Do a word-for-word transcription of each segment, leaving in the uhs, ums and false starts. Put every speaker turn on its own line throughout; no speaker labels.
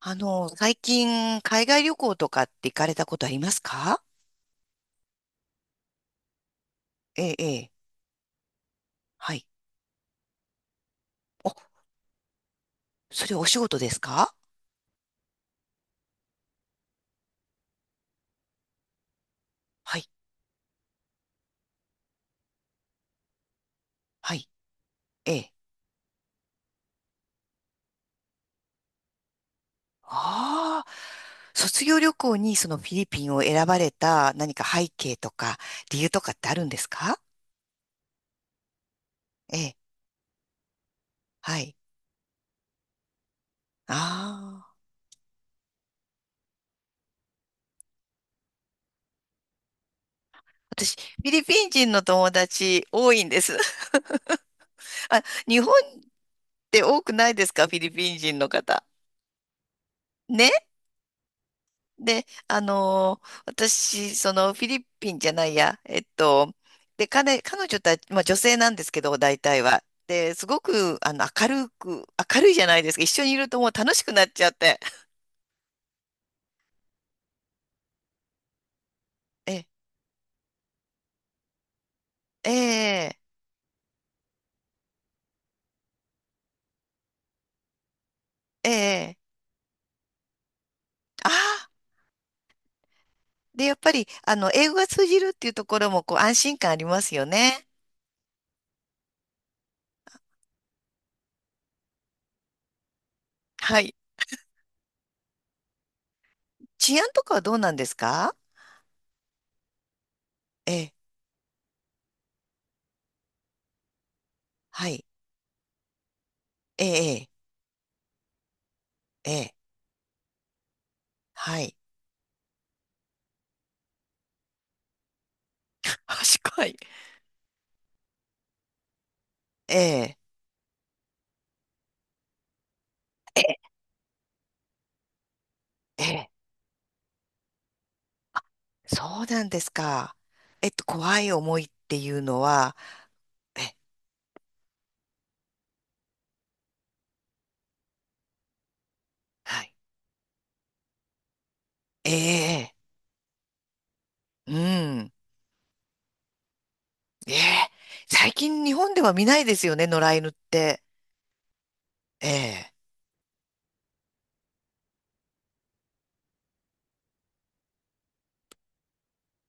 あの、最近、海外旅行とかって行かれたことありますか？ええ、ええ、はい。お、それお仕事ですか？はい、はい、ええ。ああ、卒業旅行にそのフィリピンを選ばれた何か背景とか理由とかってあるんですか？ええ、はい。ああ、私、フィリピン人の友達多いんです。あ、日本って多くないですか？フィリピン人の方。ねで、あのー私、そのフィリピンじゃないや、えっと、で、彼、彼女たち、まあ女性なんですけど、大体は。で、すごく、あの、明るく、明るいじゃないですか。一緒にいるともう楽しくなっちゃって。え、ええ、ええ、ああ、で、やっぱり、あの、英語が通じるっていうところも、こう、安心感ありますよね。はい。治安とかはどうなんですか？ええ、はい。ええ、ええ、ええはい。賢い。ええ、ええ、ええそうなんですか。えっと、怖い思いっていうのは、え、はい。ええ、うん。ええ、最近日本では見ないですよね、野良犬って。ええ、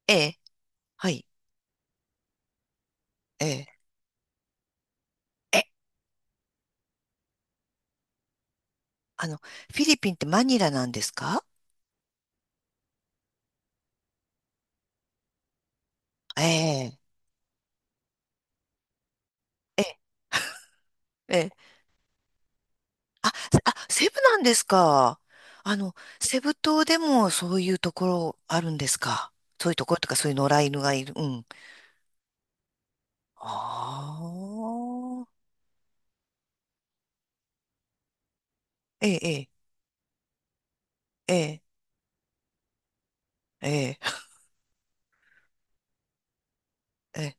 ええ、はい。ええ、え、あの、フィリピンってマニラなんですか？ええ、ええ、ええ。あ、あ、セブなんですか。あの、セブ島でもそういうところあるんですか？そういうところとか、そういう野良犬がいる。うん。ああ、ええ、ええ。ええ、ええ、ええ。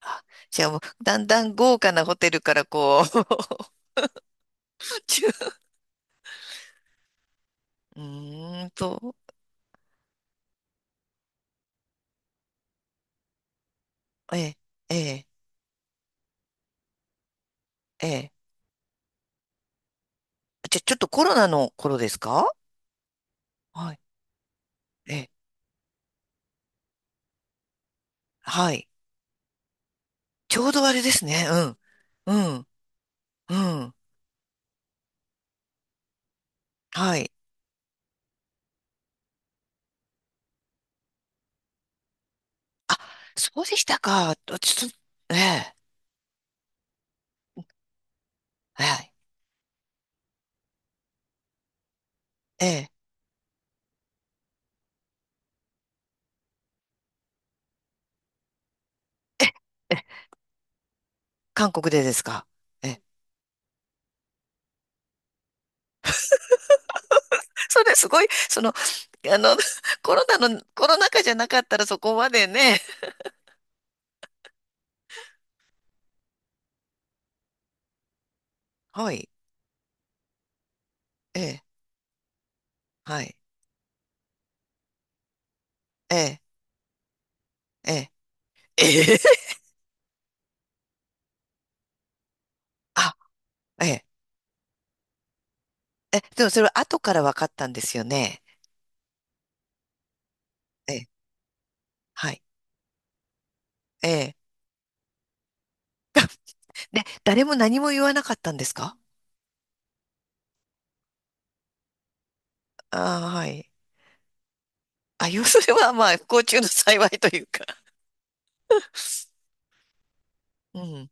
あ、じゃあもう、だんだん豪華なホテルからこう ちゅうーんと、ええ、ええ、ええ。じゃあちょっとコロナの頃ですか？はい、ええ、はい。ちょうどあれですね。うん、うん、うん、はい。あ、そうでしたか。ちょっと、ええ、はい、ええ、ええ韓国でですか？ええ。それすごい、その、あの、コロナの、コロナ禍じゃなかったらそこまでね。はい、ええ。はい。ええ、ええ、ええ、あ、ええ、え、でもそれは後から分かったんですよね。ええ、はい。ええ。で、誰も何も言わなかったんですか？ああー、はい。あ、要するには、まあ、不幸中の幸いというか。うん、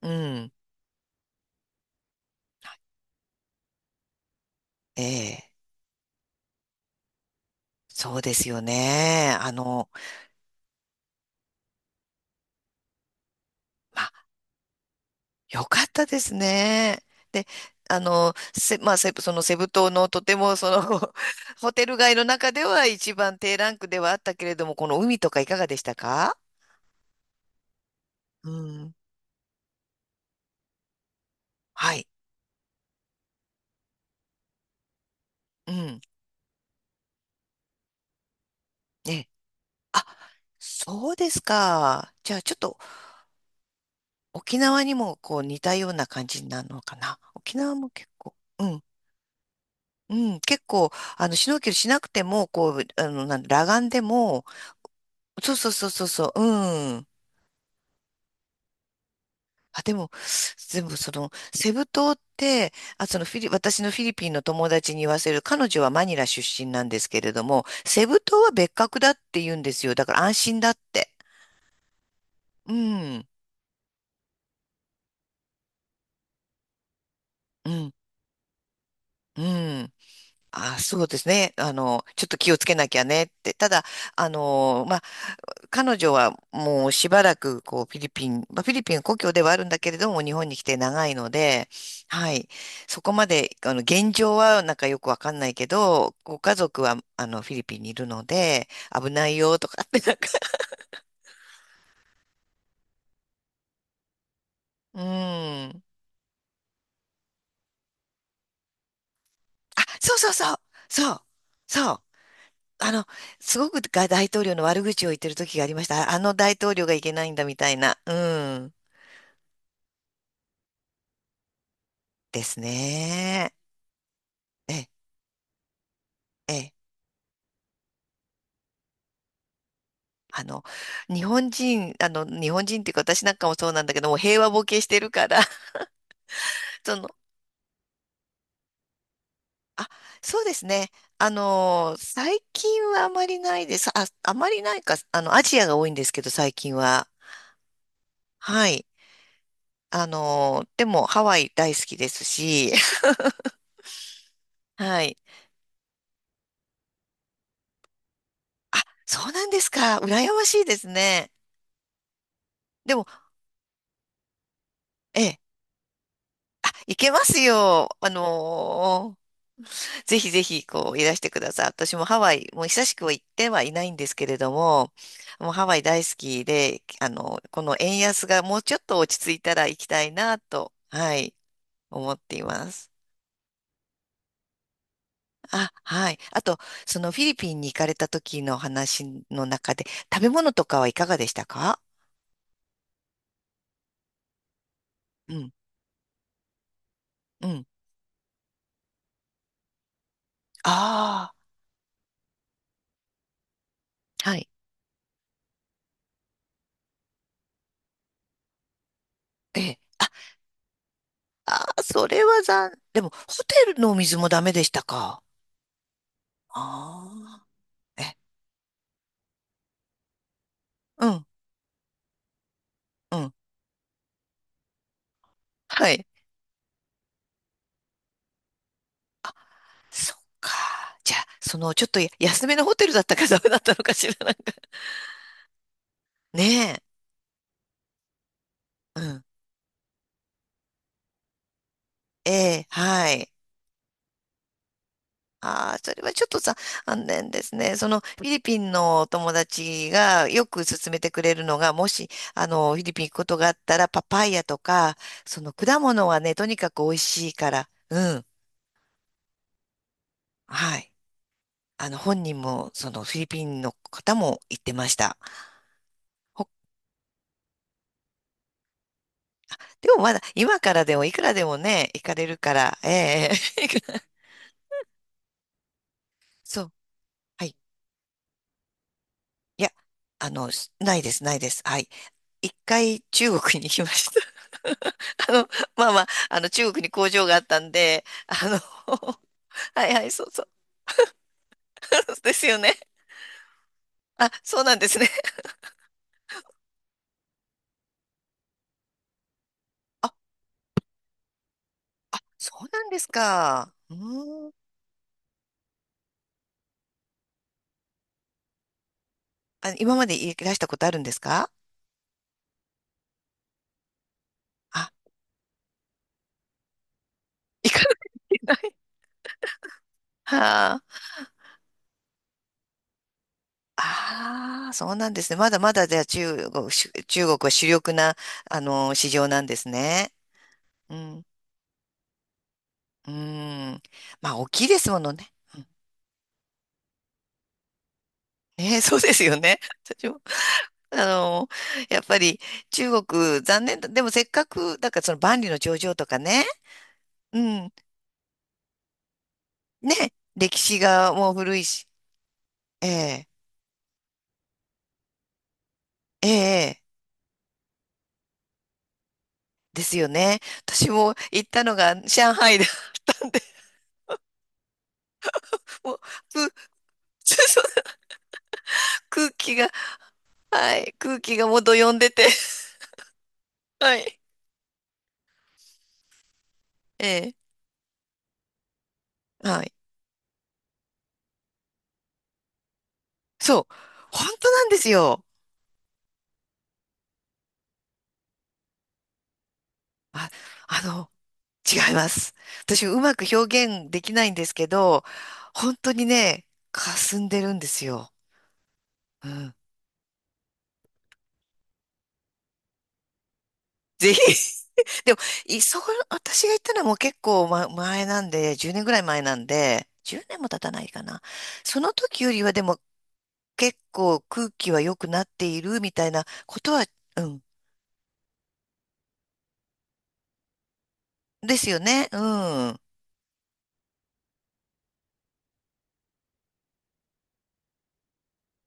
うん。ええ、そうですよね。あの、まあ、よかったですね。で、あの、せ、まあ、セブ、そのセブ島のとても、その、ホテル街の中では一番低ランクではあったけれども、この海とかいかがでしたか？うん。はい。うん。ね。あ、そうですか。じゃあ、ちょっと沖縄にもこう似たような感じになるのかな。沖縄も結構、うん。うん。結構、あの、シュノーケルしなくても、こう、あの、なん裸眼でも、そうそうそうそうそう、うん。あ、でも、でもその、セブ島って、あ、そのフィリ、私のフィリピンの友達に言わせる、彼女はマニラ出身なんですけれども、セブ島は別格だって言うんですよ。だから安心だって。うん。うん。うん。あ、そうですね。あの、ちょっと気をつけなきゃねって。ただ、あの、まあ、彼女はもうしばらく、こう、フィリピン、まあ、フィリピン故郷ではあるんだけれども、日本に来て長いので、はい。そこまで、あの、現状はなんかよくわかんないけど、ご家族は、あの、フィリピンにいるので、危ないよとかって、なんか、うん。あ、そうそうそう。そう。そう。あの、すごくが大統領の悪口を言ってる時がありました。ああの大統領がいけないんだみたいな。うん。ですね。え、え、あの、日本人、あの、日本人っていうか私なんかもそうなんだけども、平和ボケしてるから、その、あ、そうですね。あの、最近はあまりないです。あ、あまりないか、あの、アジアが多いんですけど、最近は。はい。あの、でも、ハワイ大好きですし、はい。あ、そうなんですか。羨ましいですね。でも、ええ。あ、行けますよ。あのーぜひぜひ、こう、いらしてください。私もハワイ、もう久しくは行ってはいないんですけれども、もうハワイ大好きで、あの、この円安がもうちょっと落ち着いたら行きたいなと、はい、思っています。あ、はい。あと、そのフィリピンに行かれた時の話の中で、食べ物とかはいかがでしたか？うん、うん。ああ、はい。ええ。あ、あー、それは残、でも、ホテルのお水もダメでしたか？ああ、え、うん、うん。はい。そっか。じゃあ、その、ちょっとや安めのホテルだったかダメだったのかしら、なんか。ねえ。うん。ええ、はい。ああ、それはちょっとさ、残念ですね。その、フィリピンのお友達がよく勧めてくれるのが、もし、あの、フィリピン行くことがあったら、パパイヤとか、その、果物はね、とにかく美味しいから、うん。はい。あの、本人も、その、フィリピンの方も言ってました。でもまだ、今からでも、いくらでもね、行かれるから、ええ そう。はい。いや、あの、しないです、ないです。はい。一回中国に行きました。あの、まあまあ、あの、中国に工場があったんで、あの、はいはい、そうそう。ですよね。あ、そうなんですね。あ、そうなんですか。うーん。あ、今までいらしたことあるんですか？あ、行かないといけない。はあ。ああ、そうなんですね。まだまだじゃあ中国、し中国は主力な、あの市場なんですね。うん。うん。まあ、大きいですものね。うんねえ、そうですよね。私も、あのやっぱり中国、残念だ。でもせっかく、だからその万里の長城とかね。うん。ね。歴史がもう古いし。ええ、ええ、ですよね。私も行ったのが上海だったんで、もう、空 空気はい。空気がもうどよんでて。はい。ええ。はい。そう。本当なんですよ。あ、あの、違います。私、うまく表現できないんですけど、本当にね、霞んでるんですよ。うん。ぜひ。でも、い、そう、私が言ったのはもう結構、ま、前なんで、じゅうねんぐらい前なんで、じゅうねんも経たないかな。その時よりはでも結構空気は良くなっているみたいなことは、うん。ですよね。うん。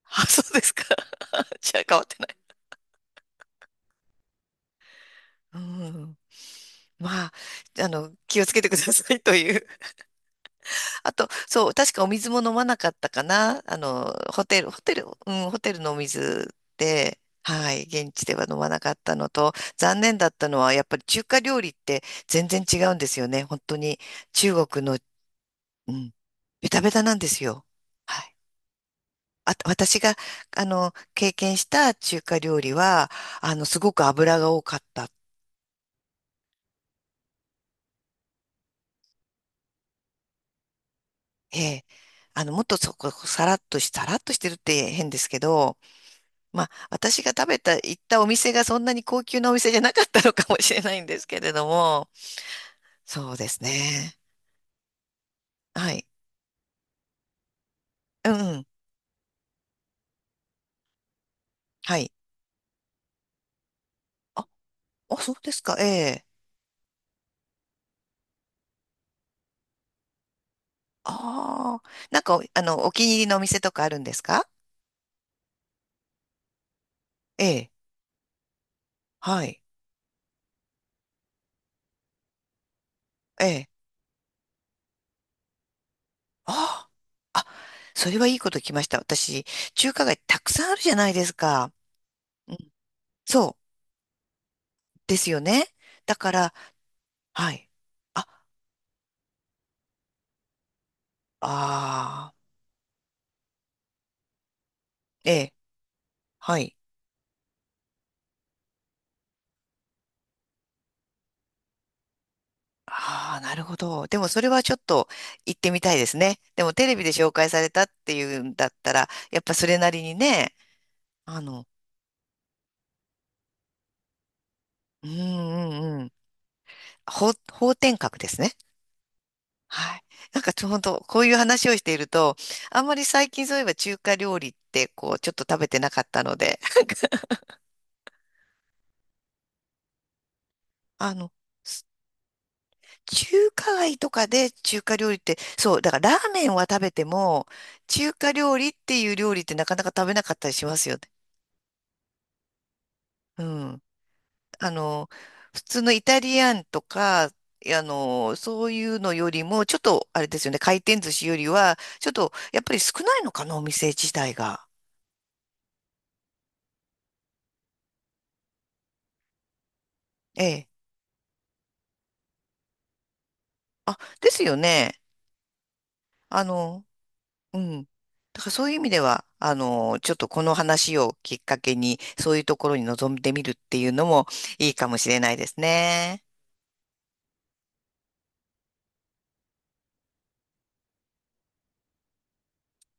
あ、そうですか。じゃあ変わってない。うん。まあ、あの、気をつけてくださいという。あと、そう、確かお水も飲まなかったかな。あの、ホテル、ホテル、うん、ホテルのお水で、はい、現地では飲まなかったのと、残念だったのは、やっぱり中華料理って全然違うんですよね。本当に中国の、うん、ベタベタなんですよ。はい。あ、私が、あの、経験した中華料理は、あの、すごく油が多かった。ええ。あの、もっとそこ、さらっとし、さらっとしてるって変ですけど、まあ、私が食べた、行ったお店がそんなに高級なお店じゃなかったのかもしれないんですけれども、そうですね。はい。うんうん。はい。あ、あ、そうですか。ええ。ああ。なんか、あの、お気に入りのお店とかあるんですか？ええ。はい。ええ。ああ。あ、それはいいこと聞きました。私、中華街たくさんあるじゃないですか。うん。そう。ですよね。だから、はい。ああ、ええ、はい。ああ、なるほど。でもそれはちょっと行ってみたいですね。でもテレビで紹介されたっていうんだったら、やっぱそれなりにね、あの、うんうんうん。法、法典格ですね。はい。なんかちょうどこういう話をしていると、あんまり最近そういえば中華料理ってこう、ちょっと食べてなかったので、あの、中華街とかで中華料理って、そう、だからラーメンは食べても、中華料理っていう料理ってなかなか食べなかったりしますよね。うん。あの、普通のイタリアンとか、あの、そういうのよりも、ちょっと、あれですよね、回転寿司よりは、ちょっと、やっぱり少ないのかな、お店自体が。ええ。あ、ですよね。あの、うん。だからそういう意味では、あの、ちょっとこの話をきっかけに、そういうところに臨んでみるっていうのもいいかもしれないですね。